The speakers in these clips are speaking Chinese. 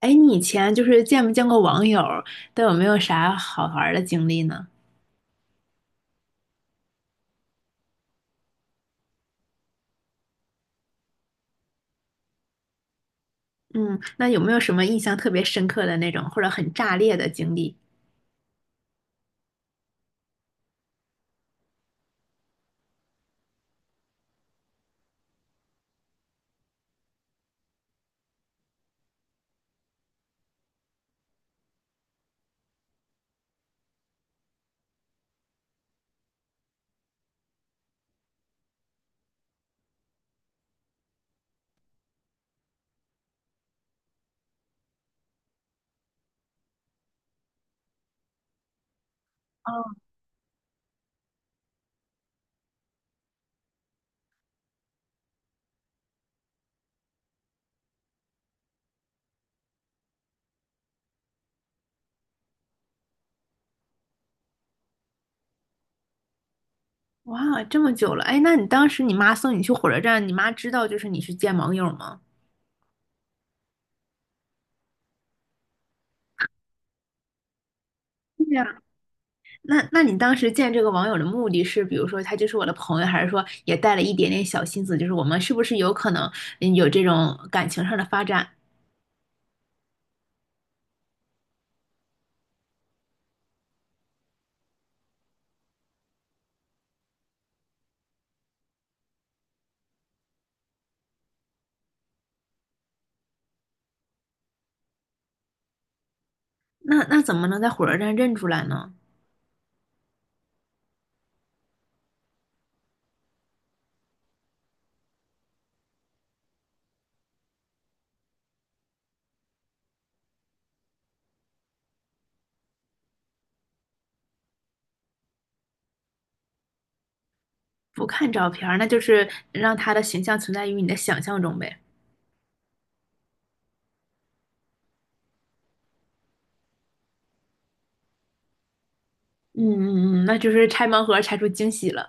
哎，你以前就是见没见过网友，都有没有啥好玩儿的经历呢？嗯，那有没有什么印象特别深刻的那种，或者很炸裂的经历？哇，这么久了，哎，那你当时你妈送你去火车站，你妈知道就是你去见网友吗？对呀。那那你当时见这个网友的目的是，比如说他就是我的朋友，还是说也带了一点点小心思，就是我们是不是有可能嗯有这种感情上的发展？那那怎么能在火车站认出来呢？不看照片儿，那就是让他的形象存在于你的想象中呗。嗯嗯嗯，那就是拆盲盒拆出惊喜了。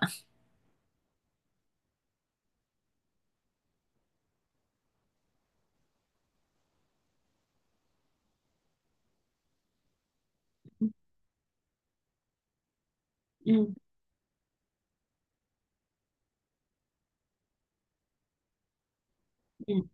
嗯嗯，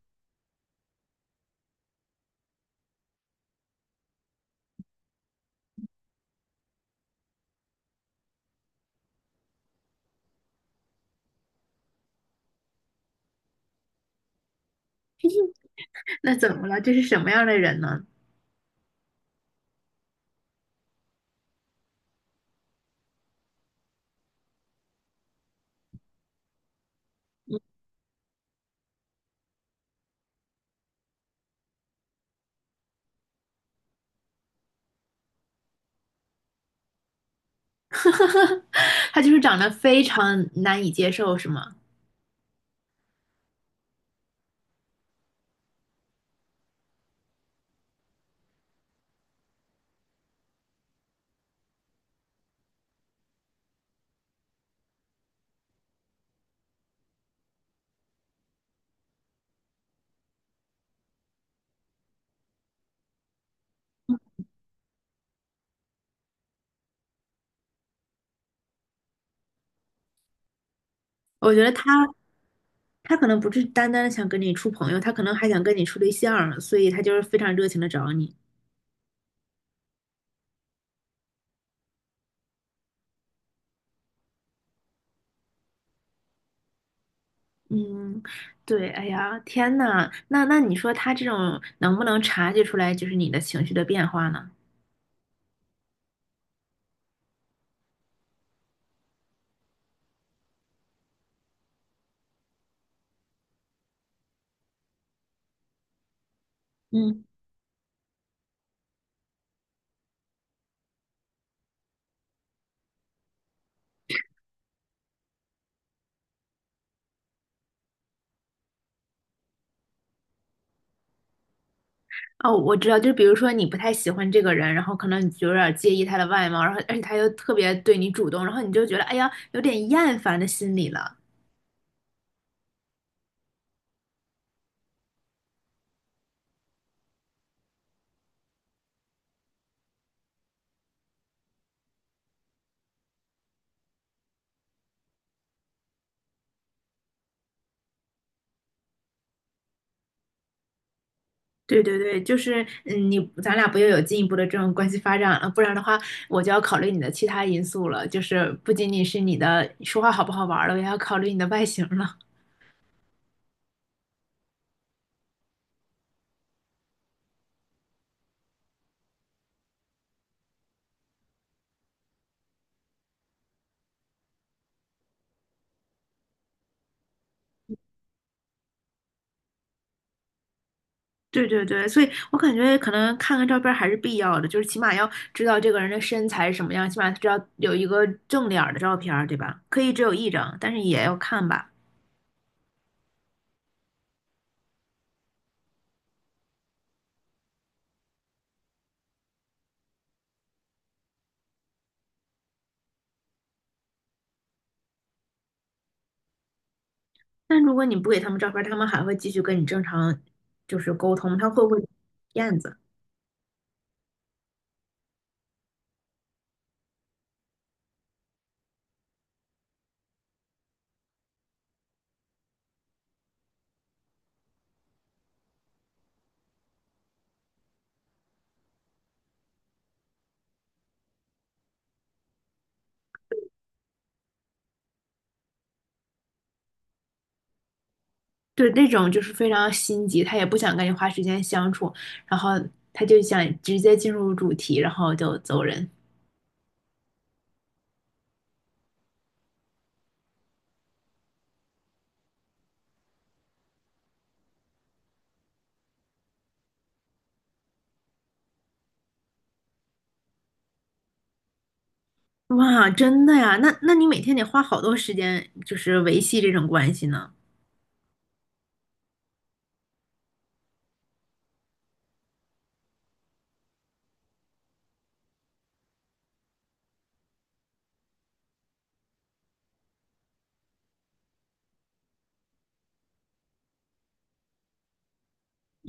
那怎么了？这是什么样的人呢？他就是长得非常难以接受，是吗？我觉得他可能不是单单想跟你处朋友，他可能还想跟你处对象，所以他就是非常热情的找你。嗯，对，哎呀，天呐，那那你说他这种能不能察觉出来就是你的情绪的变化呢？嗯。哦，我知道，就比如说你不太喜欢这个人，然后可能你就有点介意他的外貌，然后而且他又特别对你主动，然后你就觉得哎呀，有点厌烦的心理了。对对对，就是嗯，你咱俩不又有进一步的这种关系发展了，不然的话，我就要考虑你的其他因素了，就是不仅仅是你的说话好不好玩儿了，我也要考虑你的外形了。对对对，所以我感觉可能看看照片儿还是必要的，就是起码要知道这个人的身材是什么样，起码知道有一个正脸儿的照片儿，对吧？可以只有一张，但是也要看吧。但如果你不给他们照片儿，他们还会继续跟你正常就是沟通，他会不会燕子？对，那种就是非常心急，他也不想跟你花时间相处，然后他就想直接进入主题，然后就走人。哇，真的呀？那那你每天得花好多时间，就是维系这种关系呢。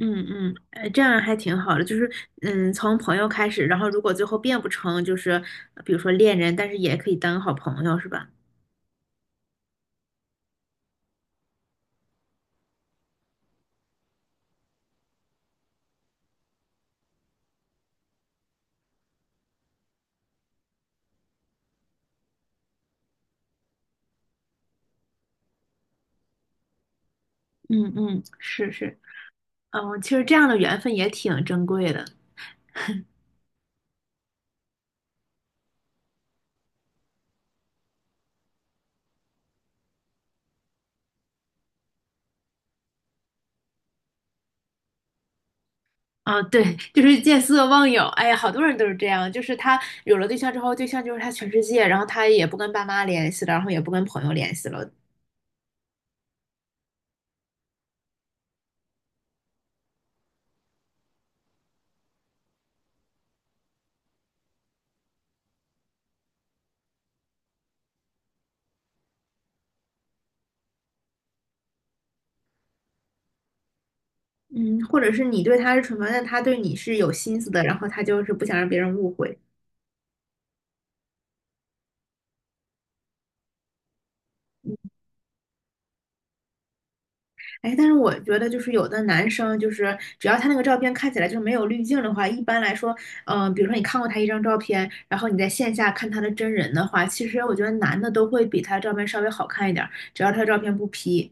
嗯嗯，这样还挺好的，就是嗯，从朋友开始，然后如果最后变不成，就是比如说恋人，但是也可以当好朋友，是吧？嗯嗯，是是，嗯，其实这样的缘分也挺珍贵的。啊，对，就是见色忘友，哎呀，好多人都是这样，就是他有了对象之后，对象就是他全世界，然后他也不跟爸妈联系了，然后也不跟朋友联系了，嗯，或者是你对他是纯朋友，但他对你是有心思的，然后他就是不想让别人误会。哎，但是我觉得就是有的男生，就是只要他那个照片看起来就是没有滤镜的话，一般来说，嗯、比如说你看过他一张照片，然后你在线下看他的真人的话，其实我觉得男的都会比他照片稍微好看一点儿，只要他的照片不 P。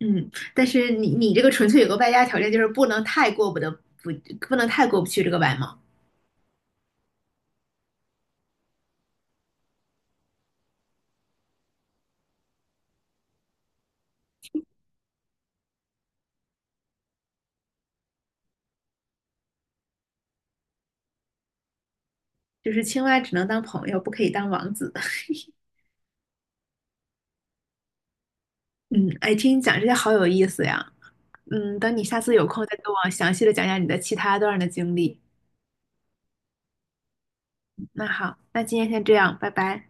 嗯，但是你你这个纯粹有个外加条件，就是不能太过不得不不能太过不去这个外貌，就是青蛙只能当朋友，不可以当王子。嗯，哎，听你讲这些好有意思呀。嗯，等你下次有空再跟我详细的讲讲你的其他段儿的经历。那好，那今天先这样，拜拜。